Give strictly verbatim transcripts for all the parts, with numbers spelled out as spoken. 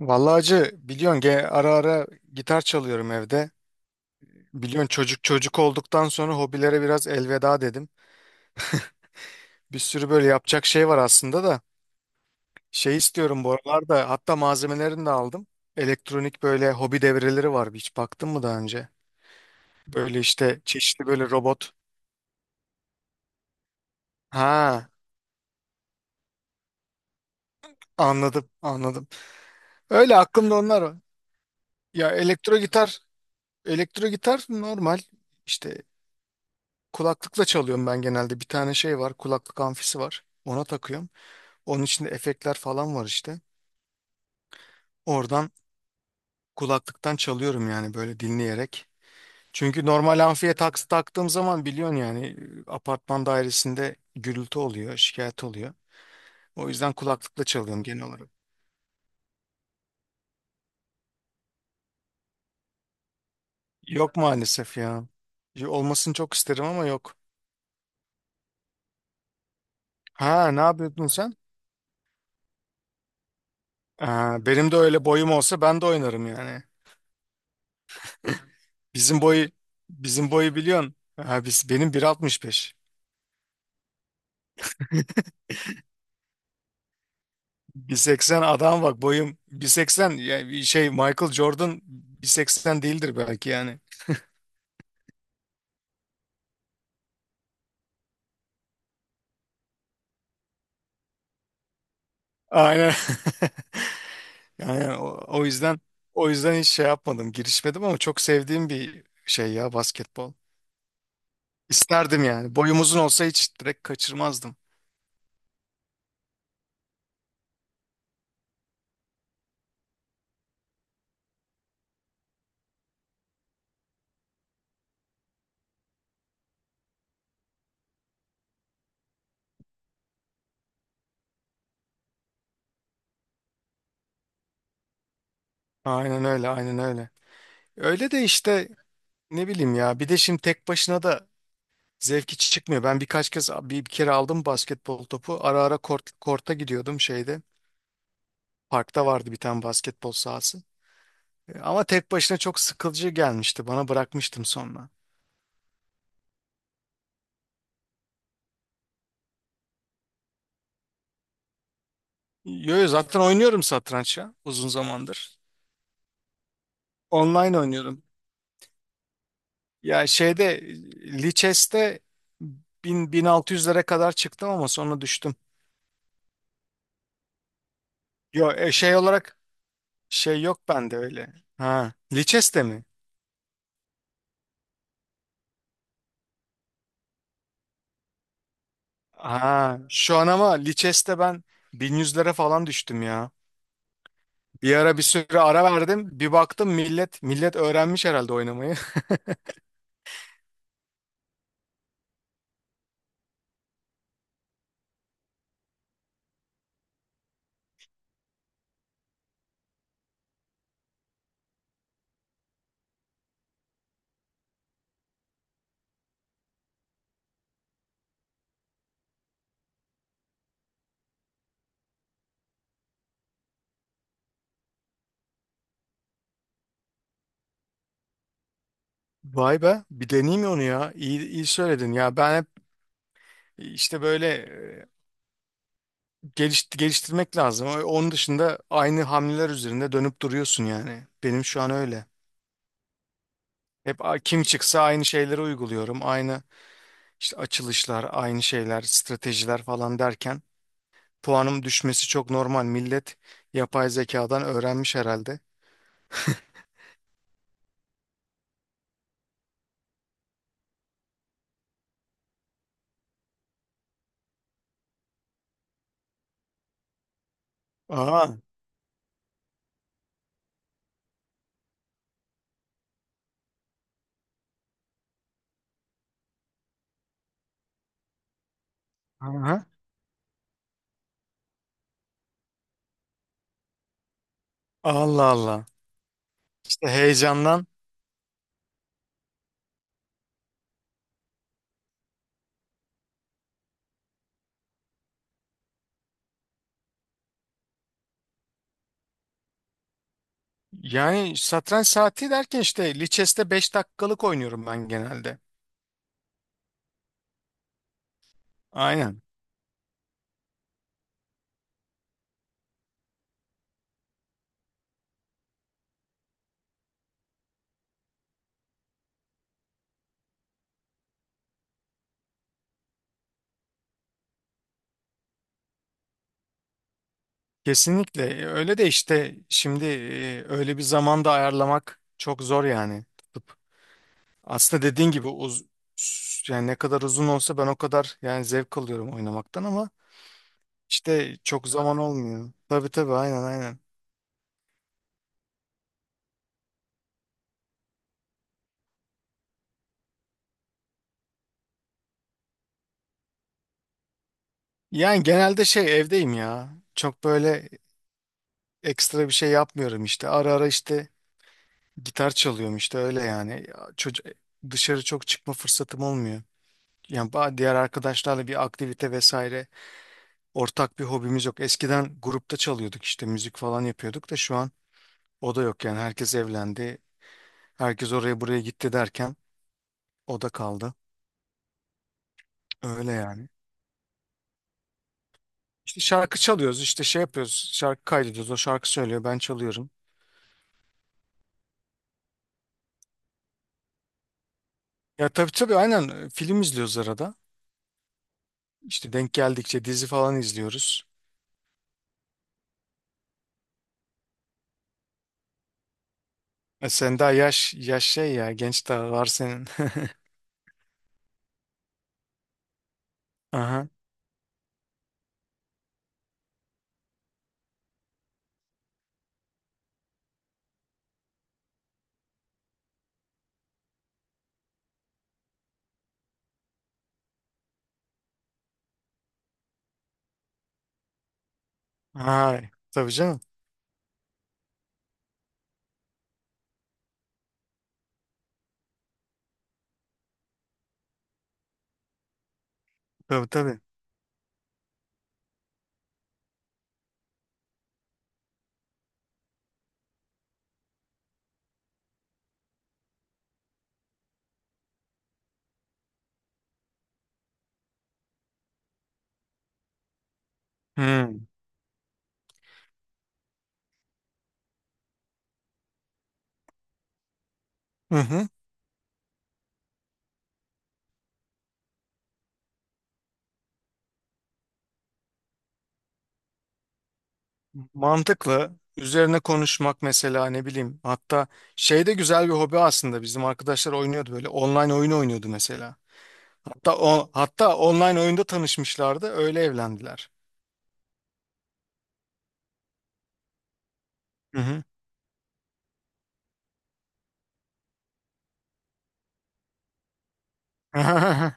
Vallahi acı biliyorsun ge- ara ara gitar çalıyorum evde. Biliyorsun çocuk çocuk olduktan sonra hobilere biraz elveda dedim. Bir sürü böyle yapacak şey var aslında da. Şey istiyorum bu aralarda, hatta malzemelerini de aldım. Elektronik böyle hobi devreleri var. Hiç baktın mı daha önce? Böyle işte çeşitli böyle robot. Ha, anladım anladım. Öyle aklımda onlar var. Ya elektro gitar, elektro gitar normal işte kulaklıkla çalıyorum ben genelde. Bir tane şey var, kulaklık amfisi var. Ona takıyorum. Onun içinde efektler falan var işte. Oradan kulaklıktan çalıyorum yani, böyle dinleyerek. Çünkü normal amfiye taks taktığım zaman biliyorsun yani, e, apartman dairesinde gürültü oluyor, şikayet oluyor. O yüzden kulaklıkla çalıyorum genel olarak. Yok maalesef ya. Ya olmasını çok isterim ama yok. Ha, ne yapıyordun sen? Ha, benim de öyle boyum olsa ben de oynarım yani. Bizim boyu bizim boyu biliyorsun. Ha, biz, benim bir altmış beş. bir seksen adam, bak boyum bir seksen ya bir şey, Michael Jordan bir seksen değildir belki yani. Aynen. Yani o, o yüzden o yüzden hiç şey yapmadım, girişmedim, ama çok sevdiğim bir şey ya basketbol. İsterdim yani. Boyum uzun olsa hiç direkt kaçırmazdım. Aynen öyle, aynen öyle. Öyle de işte, ne bileyim ya. Bir de şimdi tek başına da zevki çıkmıyor. Ben birkaç kez, bir, bir kere aldım basketbol topu. Ara ara kort, korta gidiyordum şeyde. Parkta vardı bir tane basketbol sahası. Ama tek başına çok sıkılıcı gelmişti bana, bırakmıştım sonra. Yo, yo, zaten oynuyorum satranç ya uzun zamandır. Online oynuyorum. Ya şeyde, Lichess'te bin bin altı yüzlere kadar çıktım ama sonra düştüm. Yo e, şey olarak şey yok bende öyle. Ha, Lichess'te mi? Ha, şu an ama Lichess'te ben bin yüzlere falan düştüm ya. Bir ara bir süre ara verdim. Bir baktım millet millet öğrenmiş herhalde oynamayı. Vay be, bir deneyeyim onu ya. İyi, iyi söyledin ya. Ben hep işte böyle, e, geliş, geliştirmek lazım. O- Onun dışında aynı hamleler üzerinde dönüp duruyorsun yani. Benim şu an öyle. Hep a- kim çıksa aynı şeyleri uyguluyorum. Aynı işte açılışlar, aynı şeyler, stratejiler falan derken puanım düşmesi çok normal. Millet yapay zekadan öğrenmiş herhalde. Aa. Aha. Allah Allah. İşte heyecandan. Yani satranç saati derken işte Lichess'te beş dakikalık oynuyorum ben genelde. Aynen. Kesinlikle. E, öyle de işte şimdi e, öyle bir zamanda ayarlamak çok zor yani, tutup. Aslında dediğin gibi uz yani ne kadar uzun olsa ben o kadar yani zevk alıyorum oynamaktan, ama işte çok zaman olmuyor. Tabii tabii, aynen aynen. Yani genelde şey evdeyim ya. Çok böyle ekstra bir şey yapmıyorum işte. Ara ara işte gitar çalıyorum işte, öyle yani. Çocuk, dışarı çok çıkma fırsatım olmuyor. Yani ba- diğer arkadaşlarla bir aktivite vesaire, ortak bir hobimiz yok. Eskiden grupta çalıyorduk işte, müzik falan yapıyorduk da şu an o da yok yani. Herkes evlendi. Herkes oraya buraya gitti derken o da kaldı. Öyle yani. İşte şarkı çalıyoruz, işte şey yapıyoruz. Şarkı kaydediyoruz. O şarkı söylüyor, ben çalıyorum. Ya tabii tabii, aynen, e, film izliyoruz arada. İşte denk geldikçe dizi falan izliyoruz. E sen daha yaş yaş şey ya, genç, daha var senin. Aha. Ay, tabii canım. Tabii tabii. Hmm. Hı hı. Mantıklı. Üzerine konuşmak mesela, ne bileyim. Hatta şey de güzel bir hobi aslında. Bizim arkadaşlar oynuyordu böyle. Online oyun oynuyordu mesela. Hatta o hatta online oyunda tanışmışlardı. Öyle evlendiler. Hı hı.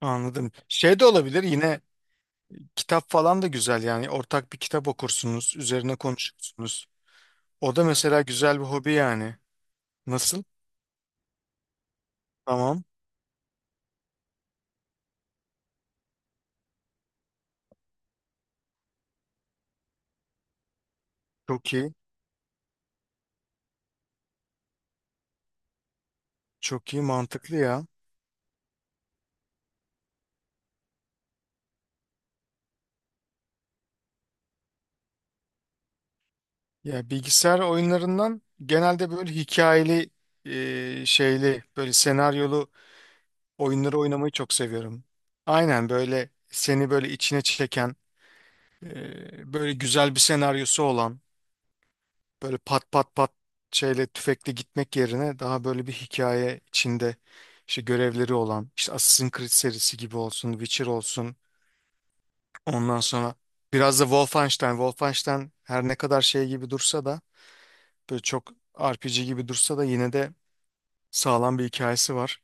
Anladım. Şey de olabilir yine, kitap falan da güzel yani. Ortak bir kitap okursunuz. Üzerine konuşursunuz. O da mesela güzel bir hobi yani. Nasıl? Tamam. Çok iyi. Çok iyi. Mantıklı ya. Ya bilgisayar oyunlarından genelde böyle hikayeli, e, şeyli, böyle senaryolu oyunları oynamayı çok seviyorum. Aynen, böyle seni böyle içine çeken, e, böyle güzel bir senaryosu olan, böyle pat pat pat şeyle tüfekle gitmek yerine daha böyle bir hikaye içinde, işte görevleri olan, işte Assassin's Creed serisi gibi olsun, Witcher olsun. Ondan sonra biraz da Wolfenstein. Wolfenstein her ne kadar şey gibi dursa da, böyle çok R P G gibi dursa da, yine de sağlam bir hikayesi var.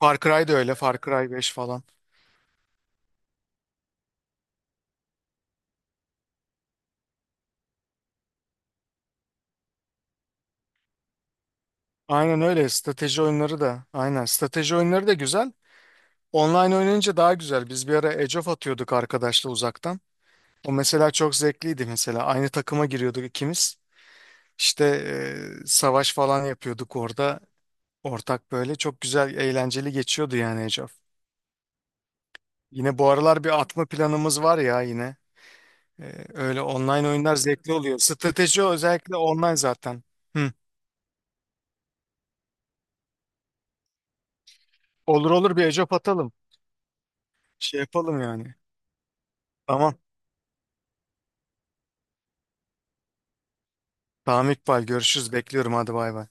Far Cry da öyle. Far Cry beş falan. Aynen öyle. Strateji oyunları da. Aynen. Strateji oyunları da güzel. Online oynayınca daha güzel. Biz bir ara Age of atıyorduk arkadaşla uzaktan. O mesela çok zevkliydi mesela. Aynı takıma giriyorduk ikimiz. İşte e, savaş falan yapıyorduk orada. Ortak böyle çok güzel, eğlenceli geçiyordu yani Age of. Yine bu aralar bir atma planımız var ya yine. Ee, öyle online oyunlar zevkli oluyor. Strateji özellikle online zaten. Hı. Olur olur, bir ecop atalım. Şey yapalım yani. Tamam. Tamam İkbal, görüşürüz. Bekliyorum, hadi bay bay.